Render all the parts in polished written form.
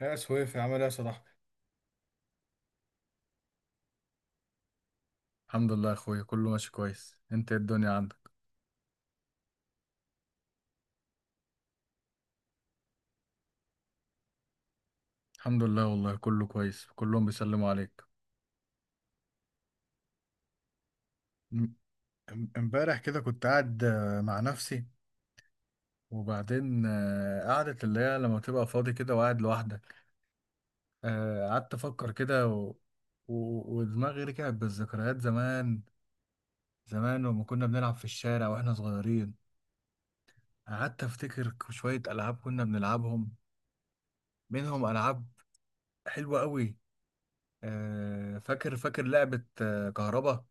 يا سويفي عامل ايه يا صاحبي. الحمد لله يا اخويا كله ماشي كويس. انت إيه الدنيا عندك؟ الحمد لله والله كله كويس، كلهم بيسلموا عليك. ام- امبارح كده كنت قاعد مع نفسي، وبعدين قعدة اللي هي لما تبقى فاضي كده وقاعد لوحدك. قعدت افكر كده و... ودماغي رجعت بالذكريات زمان. زمان لما كنا بنلعب في الشارع واحنا صغيرين، قعدت افتكر شوية العاب كنا بنلعبهم، منهم العاب حلوة قوي. فاكر فاكر لعبة كهربا.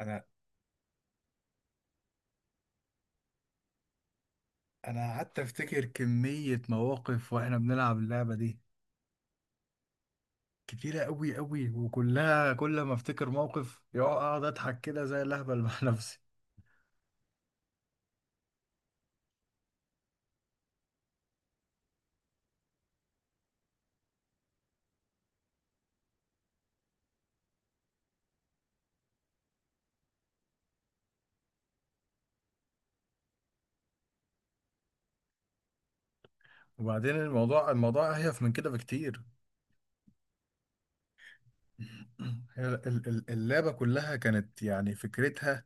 انا انا قعدت افتكر كمية مواقف واحنا بنلعب اللعبة دي، كتيرة قوي قوي، وكلها كل ما افتكر موقف يقعد اقعد اضحك كده زي الاهبل مع نفسي. وبعدين الموضوع اهيف من كده بكتير. هي اللعبة كلها كانت يعني فكرتها،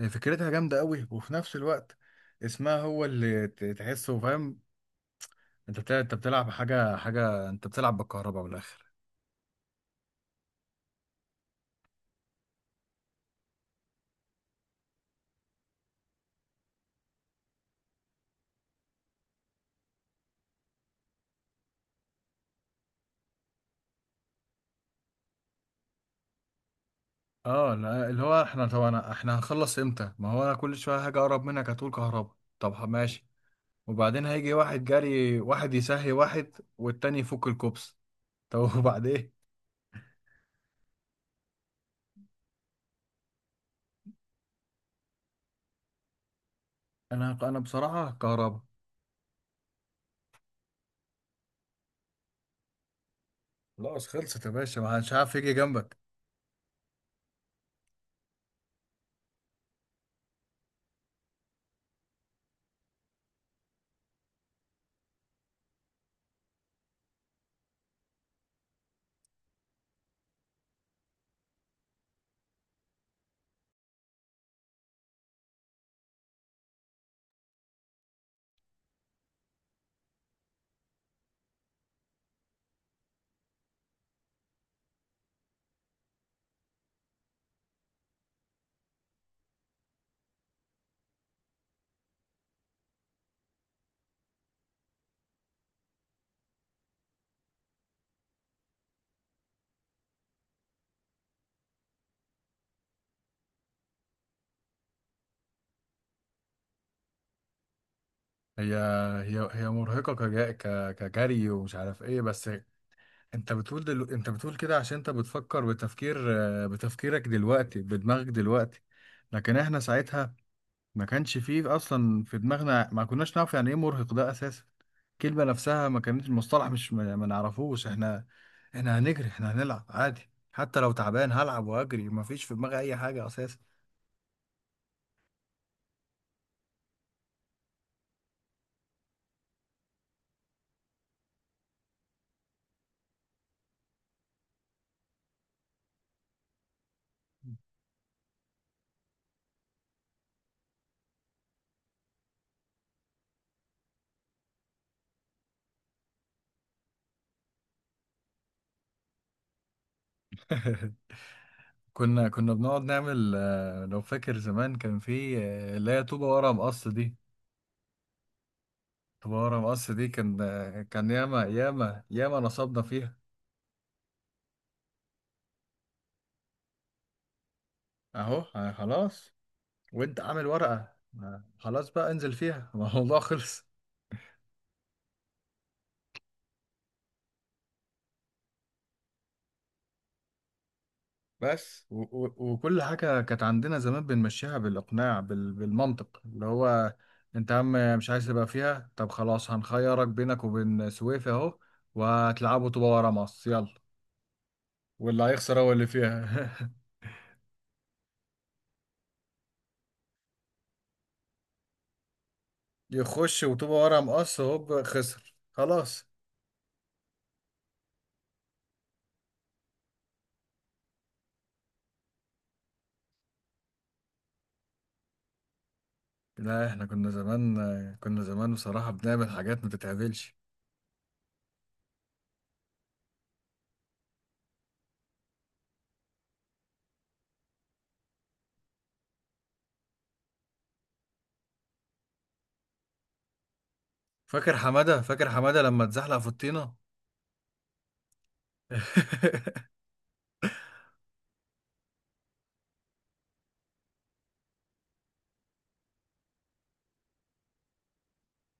هي فكرتها جامدة قوي، وفي نفس الوقت اسمها هو اللي تحسه فاهم. انت بتلعب حاجة انت بتلعب بالكهرباء بالاخر. اه لا، اللي هو احنا طبعا احنا هنخلص امتى؟ ما هو انا كل شويه هاجي اقرب منك هتقول كهربا، طب ماشي. وبعدين هيجي واحد جري، واحد يسهي واحد والتاني يفك الكوبس. طب وبعدين؟ انا بصراحه كهربا. خلاص خلصت يا باشا، ما حدش عارف يجي جنبك. هي هي هي مرهقه كجري ومش عارف ايه، بس انت بتقول انت بتقول كده عشان انت بتفكر بتفكير، بتفكيرك دلوقتي، بدماغك دلوقتي. لكن احنا ساعتها ما كانش فيه اصلا في دماغنا، ما كناش نعرف يعني ايه مرهق ده اساسا. الكلمه نفسها ما كانت المصطلح مش ما نعرفوش احنا. احنا هنجري، احنا هنلعب عادي، حتى لو تعبان هلعب واجري، ما فيش في دماغي اي حاجه اساسا. كنا بنقعد نعمل، لو فاكر زمان كان في اللي هي طوبه ورا مقص دي. طوبه ورا مقص دي كان كان ياما ياما ياما نصبنا فيها. اهو خلاص، وانت عامل ورقه، خلاص بقى انزل فيها الموضوع خلص. بس و وكل حاجة كانت عندنا زمان بنمشيها بالإقناع، بالمنطق اللي هو أنت يا عم مش عايز تبقى فيها، طب خلاص هنخيرك بينك وبين سويفي أهو، وهتلعبوا طوبة ورا مقص يلا، واللي هيخسر هو اللي فيها. يخش وطوبة ورا مقص هوب خسر خلاص. لا، احنا كنا زمان، كنا زمان بصراحة بنعمل حاجات ما تتعملش. فاكر حمادة؟ فاكر حمادة لما اتزحلق في الطينة؟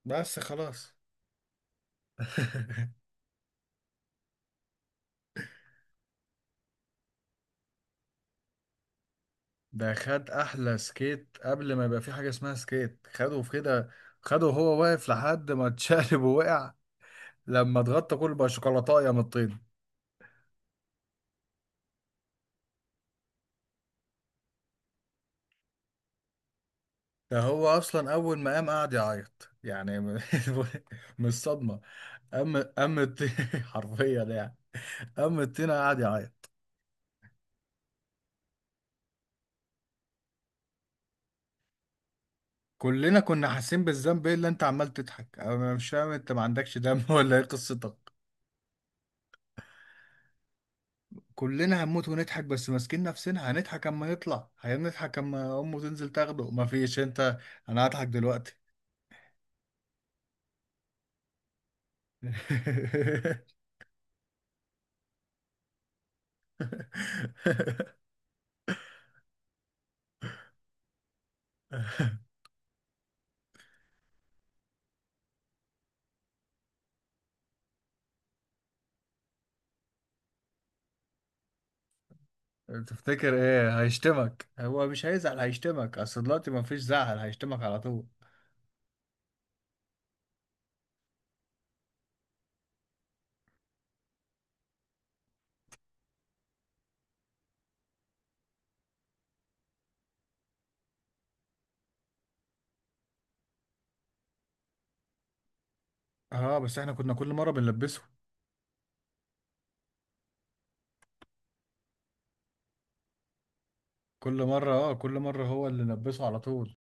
بس خلاص. ده خد احلى سكيت قبل ما يبقى في حاجه اسمها سكيت، خده في كده، خده وهو واقف لحد ما اتشقلب ووقع، لما اتغطى كله بقى شوكولاتايه من الطين. ده هو اصلا اول ما قام قعد يعيط يعني من من الصدمه. قام الطين حرفيا يعني، قام الطين قعد يعيط. كلنا كنا حاسين بالذنب. ايه اللي انت عمال تضحك؟ انا مش فاهم، انت ما عندكش دم ولا ايه قصتك؟ كلنا هنموت ونضحك بس ماسكين نفسنا، هنضحك اما يطلع، هنضحك اما امه تنزل تاخده، مفيش. انت انا هضحك دلوقتي. تفتكر ايه؟ هيشتمك، هو مش هيزعل هيشتمك، اصل دلوقتي مفيش زعل هيشتمك على طول. اه بس احنا كنا كل مره بنلبسه، كل مره اه كل مره هو اللي نلبسه على طول.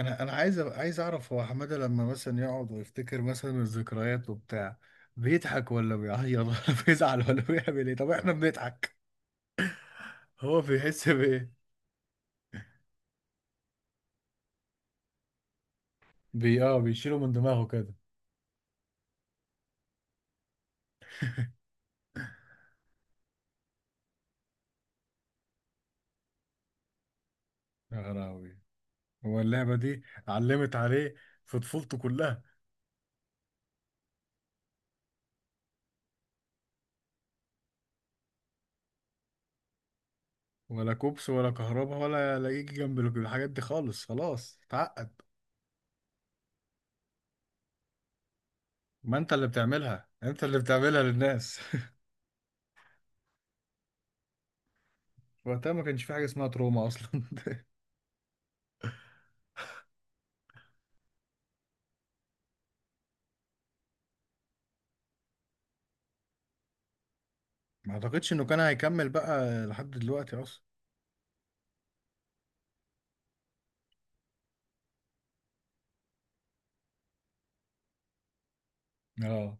انا عايز عايز اعرف هو حماده لما مثلا يقعد ويفتكر مثلا الذكريات وبتاع، بيضحك ولا بيعيط ولا بيزعل ولا بيعمل ايه؟ طب احنا بنضحك، هو بيحس بايه؟ بي اه بيشيله من دماغه كده. يا غراوي، هو اللعبه دي علمت عليه في طفولته كلها. ولا كوبس ولا كهرباء ولا يجي جنب الحاجات دي خالص، خلاص اتعقد. ما انت اللي بتعملها، انت اللي بتعملها للناس. وقتها ما كانش في حاجه اسمها تروما اصلا. ما اعتقدش انه كان هيكمل بقى لحد دلوقتي اصلا. اه.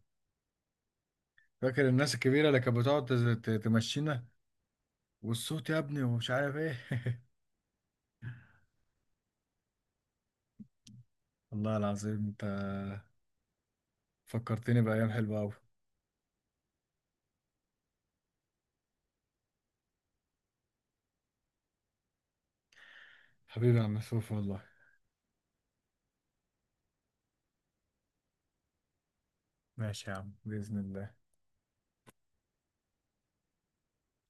فاكر الناس الكبيرة اللي كانت بتقعد تمشينا، والصوت يا ابني ومش عارف ايه؟ والله العظيم انت فكرتني بأيام حلوة أوي. حبيبي يا عم سويفي والله. ماشي يا عم بإذن الله.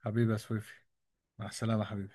حبيبي يا سويفي، مع السلامة حبيبي.